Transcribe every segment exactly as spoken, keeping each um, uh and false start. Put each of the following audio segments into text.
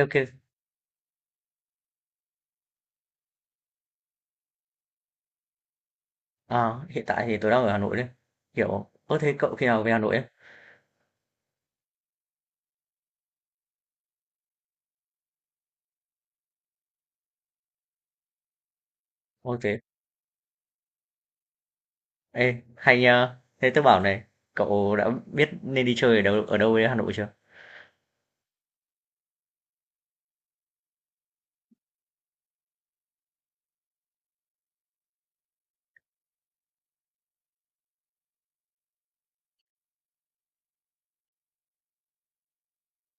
OK. Ờ, hiện tại thì tôi đang ở Hà Nội đấy. Kiểu, ơ thế cậu khi nào về Hà Nội ấy? Ô thế, ê, hay nhờ. Thế tôi bảo này, cậu đã biết nên đi chơi ở đâu ở đâu ở Hà Nội chưa?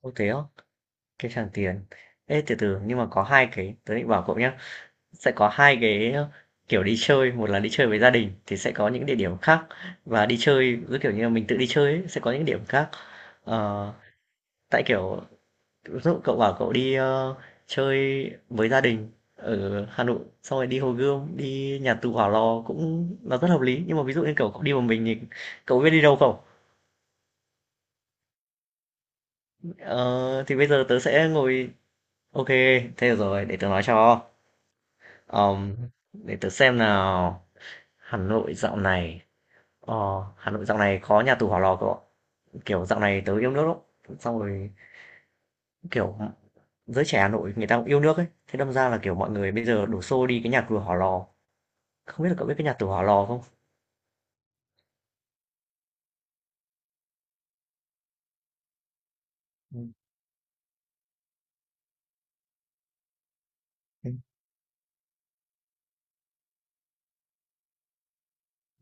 Ô thế á, cái Tràng Tiền. Ê, từ từ, nhưng mà có hai cái, tôi định bảo cậu nhé. Sẽ có hai cái ờ, kiểu đi chơi, một là đi chơi với gia đình thì sẽ có những địa điểm khác. Và đi chơi, cứ kiểu như là mình tự đi chơi ấy, sẽ có những địa điểm khác. Ờ, tại kiểu, ví dụ cậu bảo cậu đi ờ, chơi với gia đình ở Hà Nội xong rồi đi Hồ Gươm, đi nhà tù Hỏa Lò cũng là rất hợp lý, nhưng mà ví dụ như kiểu cậu đi một mình thì cậu biết đi đâu không? Ờ, thì bây giờ tớ sẽ ngồi, ok, thế được rồi, để tớ nói cho. Ờm, để tớ xem nào. Hà Nội dạo này, ờ, Hà Nội dạo này có nhà tù Hỏa Lò cậu ạ. Kiểu dạo này tớ yêu nước lắm, xong rồi kiểu giới trẻ Hà Nội người ta cũng yêu nước ấy, thế đâm ra là kiểu mọi người bây giờ đổ xô đi cái nhà tù Hỏa Lò. Không biết là cậu biết cái nhà tù Hỏa Lò không? Ừ, ừ, Ừm,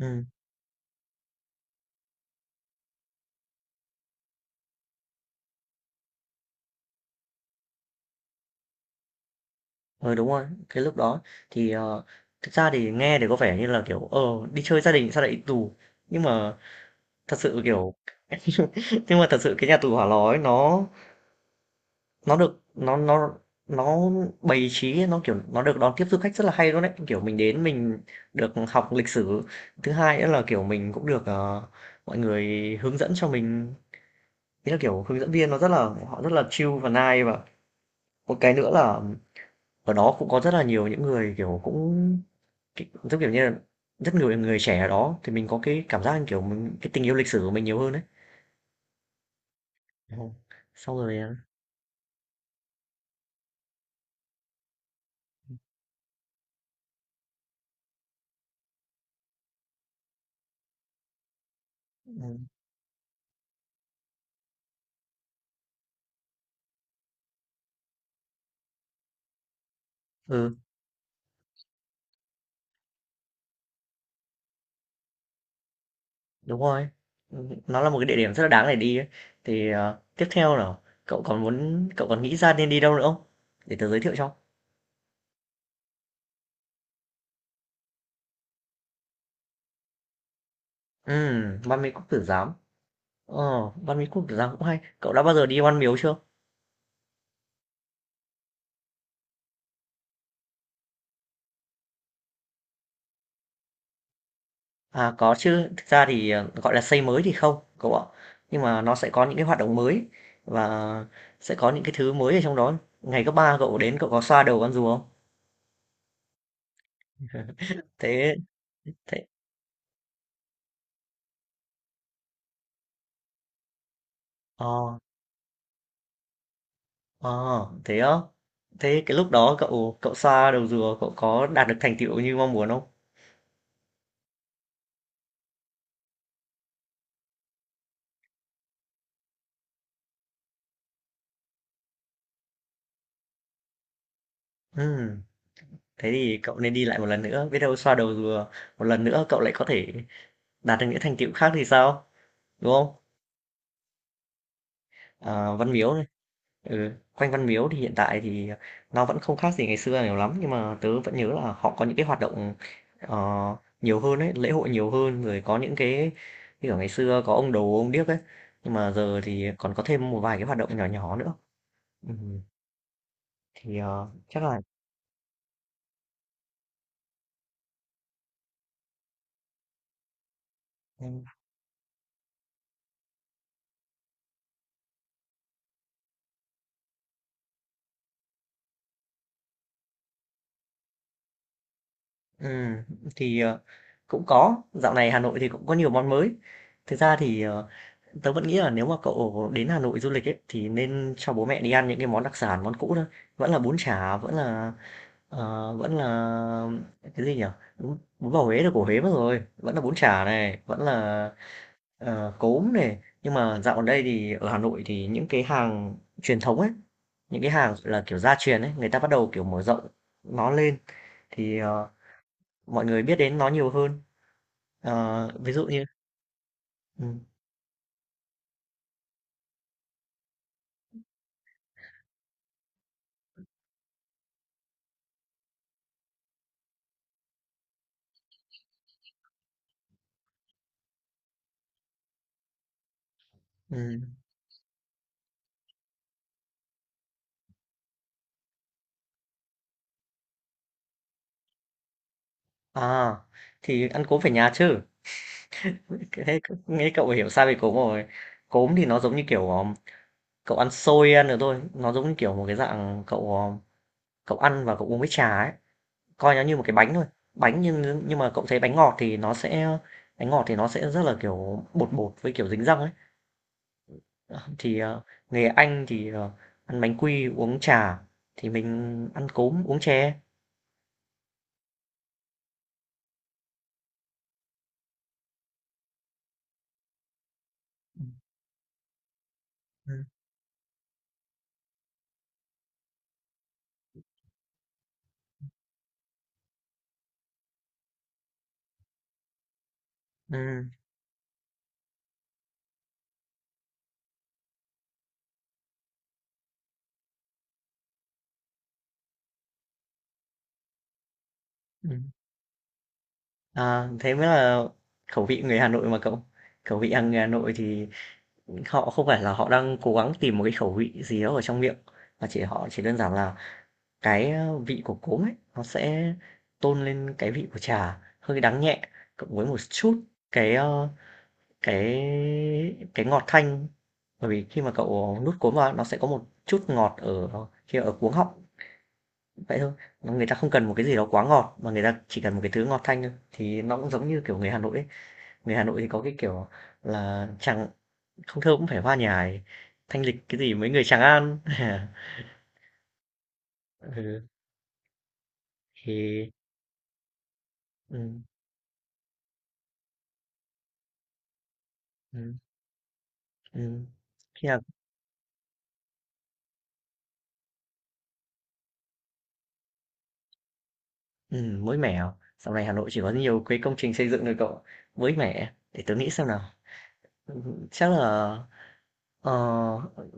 ừ. Ờ, đúng rồi, cái lúc đó thì, ờ, thực ra thì nghe thì có vẻ như là, kiểu, ờ, đi chơi gia đình sao lại đi tù, nhưng mà thật sự, kiểu, nhưng mà thật sự cái nhà tù Hỏa Lò ấy nó nó được nó nó nó bày trí, nó, kiểu, nó được đón tiếp du khách rất là hay luôn đấy. Kiểu, mình đến mình được học lịch sử, thứ hai nữa là, kiểu, mình cũng được, ờ, mọi người hướng dẫn cho mình, ý là, kiểu, hướng dẫn viên nó rất là, họ rất là chill và nice. Và một cái nữa là ở đó cũng có rất là nhiều những người, kiểu, cũng rất kiểu như là, rất nhiều người trẻ ở đó thì mình có cái cảm giác như, kiểu, mình cái tình yêu lịch sử của mình nhiều hơn đấy. Ồ, xong rồi, à ừm, ừ, đúng rồi. Ừm, nó là một cái địa điểm rất là đáng để đi ấy. Thì, ờ, tiếp theo là cậu còn muốn cậu còn nghĩ ra nên đi đâu nữa không? Để tớ giới thiệu cho. Ừm, Ban Mỹ Quốc Tử Giám. Ờ, Ban Mỹ Quốc Tử Giám cũng hay. Cậu đã bao giờ đi Ban Miếu chưa? À, có chứ. Thực ra thì, ờ, gọi là, xây mới thì không, cậu ạ. Nhưng mà nó sẽ có những cái hoạt động mới và sẽ có những cái thứ mới ở trong đó. Ngày cấp ba cậu đến cậu có xoa đầu con rùa không? Thế thế ờ, ờ, thế á? Thế cái lúc đó cậu cậu xoa đầu rùa cậu có đạt được thành tựu như mong muốn không? Ừm, thế thì cậu nên đi lại một lần nữa, biết đâu xoa đầu rùa một lần nữa cậu lại có thể đạt được những thành tựu khác thì sao, đúng không? À, Văn Miếu. Ừ, quanh Văn Miếu thì hiện tại thì nó vẫn không khác gì ngày xưa nhiều lắm, nhưng mà tớ vẫn nhớ là họ có những cái hoạt động ờ, nhiều hơn ấy, lễ hội nhiều hơn, rồi có những cái như kiểu ngày xưa có ông đồ ông điếc ấy, nhưng mà giờ thì còn có thêm một vài cái hoạt động nhỏ nhỏ nữa. Ừ, thì ờ, chắc là ừ, thì ờ, cũng có, dạo này Hà Nội thì cũng có nhiều món mới. Thực ra thì ờ, tớ vẫn nghĩ là nếu mà cậu đến Hà Nội du lịch ấy thì nên cho bố mẹ đi ăn những cái món đặc sản món cũ thôi, vẫn là bún chả, vẫn là ờ, vẫn là cái gì nhỉ? Bún bún bò Huế là của Huế mất rồi, vẫn là bún chả này, vẫn là ờ, cốm này. Nhưng mà dạo gần đây thì ở Hà Nội thì những cái hàng truyền thống ấy, những cái hàng là kiểu gia truyền ấy, người ta bắt đầu kiểu mở rộng nó lên, thì ờ, mọi người biết đến nó nhiều hơn. Ờ, ví dụ như ừ, ừ. À thì ăn cốm phải nhà chứ. Cái- thế nghe cậu hiểu sai về cốm rồi. Cốm thì nó giống như kiểu ờ, cậu ăn xôi ăn được thôi, nó giống như kiểu một cái dạng cậu ờ, cậu ăn và cậu uống với trà ấy, coi nó như một cái bánh thôi. Bánh nhưng nhưng mà cậu thấy bánh ngọt thì nó sẽ, bánh ngọt thì nó sẽ rất là, kiểu, bột bột với, kiểu, dính răng ấy. Ờ, thì, ờ, người Anh thì, ờ, ăn bánh quy, uống trà, thì mình ăn cốm, uống chè. Ừm, ừm, ừm. À, thế mới là khẩu vị người Hà Nội mà cậu. Khẩu vị hàng người Hà Nội thì họ không phải là họ đang cố gắng tìm một cái khẩu vị gì đó ở trong miệng, mà chỉ họ chỉ đơn giản là cái, ơ, vị của cốm ấy, nó sẽ tôn lên cái vị của trà, hơi đắng nhẹ, cộng với một chút cái, ơ, cái cái ngọt thanh, bởi vì khi mà cậu nuốt cốm vào nó sẽ có một chút ngọt ở khi ở cuống họng, vậy thôi. Người ta không cần một cái gì đó quá ngọt, mà người ta chỉ cần một cái thứ ngọt thanh thôi, thì nó cũng giống như kiểu người Hà Nội ấy. Người Hà Nội thì có cái kiểu là chẳng không thơ cũng phải hoa nhài, thanh lịch cái gì mấy người Tràng An. Ừ, thì ừm, ừm, ừm, khi nào. Ừm, mới mẻ à? Dạo này Hà Nội chỉ có nhiều cái công trình xây dựng thôi cậu. Mới mẻ, à? Để tớ nghĩ xem nào. Ừm, Chắc là ờ,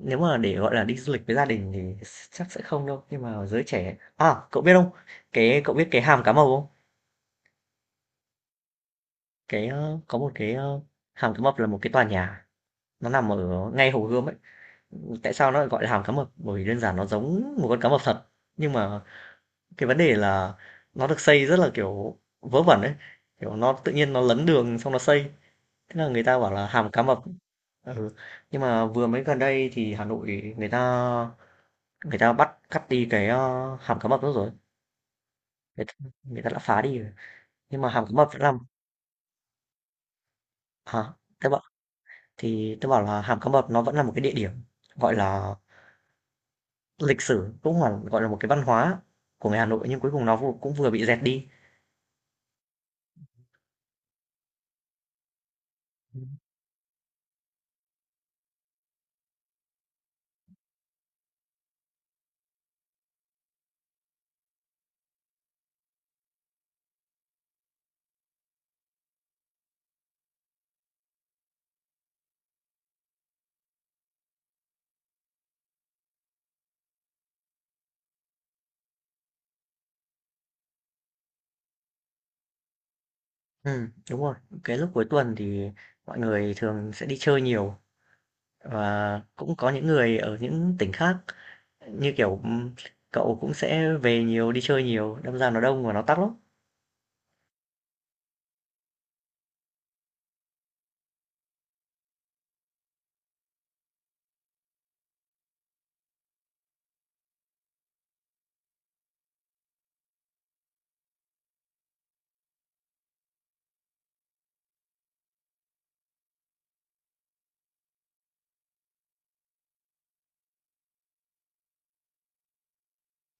nếu mà để gọi là đi du lịch với gia đình thì chắc sẽ không đâu, nhưng mà giới trẻ. À, cậu biết không? Cái cậu biết cái hàm cá mập không? Cái ờ, có một cái ờ, hàm cá mập là một cái tòa nhà, nó nằm ở ngay Hồ Gươm ấy. Tại sao nó lại gọi là hàm cá mập? Bởi vì đơn giản nó giống một con cá mập thật. Nhưng mà cái vấn đề là nó được xây rất là kiểu vớ vẩn ấy. Kiểu nó tự nhiên nó lấn đường xong nó xây, thế là người ta bảo là hàm cá mập. Ừ. Nhưng mà vừa mới gần đây thì Hà Nội người ta, người ta bắt cắt đi cái ờ, hàm cá mập đó rồi. Người ta, người ta đã phá đi rồi. Nhưng mà hàm cá mập vẫn làm hả? Thế bảo thì tôi bảo là hàm cá mập nó vẫn là một cái địa điểm gọi là lịch sử, cũng là gọi là một cái văn hóa của người Hà Nội, nhưng cuối cùng nó vô- cũng vừa bị dẹt đi. Ừ, đúng rồi. Cái lúc cuối tuần thì mọi người thường sẽ đi chơi nhiều, và cũng có những người ở những tỉnh khác, như kiểu, ừm, cậu cũng sẽ về nhiều, đi chơi nhiều, đâm ra nó đông và nó tắc lắm.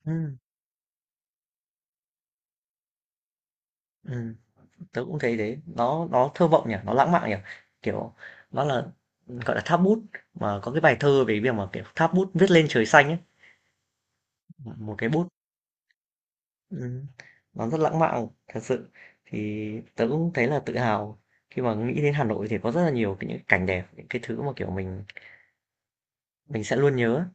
Ừm, ừm, tớ cũng thấy thế, nó nó thơ vọng nhỉ, nó lãng mạn nhỉ, kiểu, nó là, gọi là, tháp bút, mà có cái bài thơ về việc mà, kiểu, tháp bút viết lên trời xanh ấy, một cái bút, ừm, nó rất lãng mạn thật sự. Thì tớ cũng thấy là tự hào khi mà nghĩ đến Hà Nội thì có rất là nhiều cái những cảnh đẹp, những cái thứ mà, kiểu, mình mình sẽ luôn nhớ.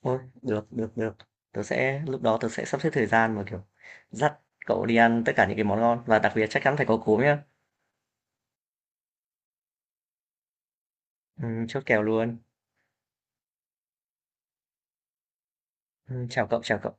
Ôi, được, được, được. Tớ sẽ, lúc đó tớ sẽ sắp xếp thời gian mà, kiểu, dắt cậu đi ăn tất cả những cái món ngon và đặc biệt chắc chắn phải có cốm nhá. Ừm, chốt kèo luôn. Ừm, chào cậu, chào cậu.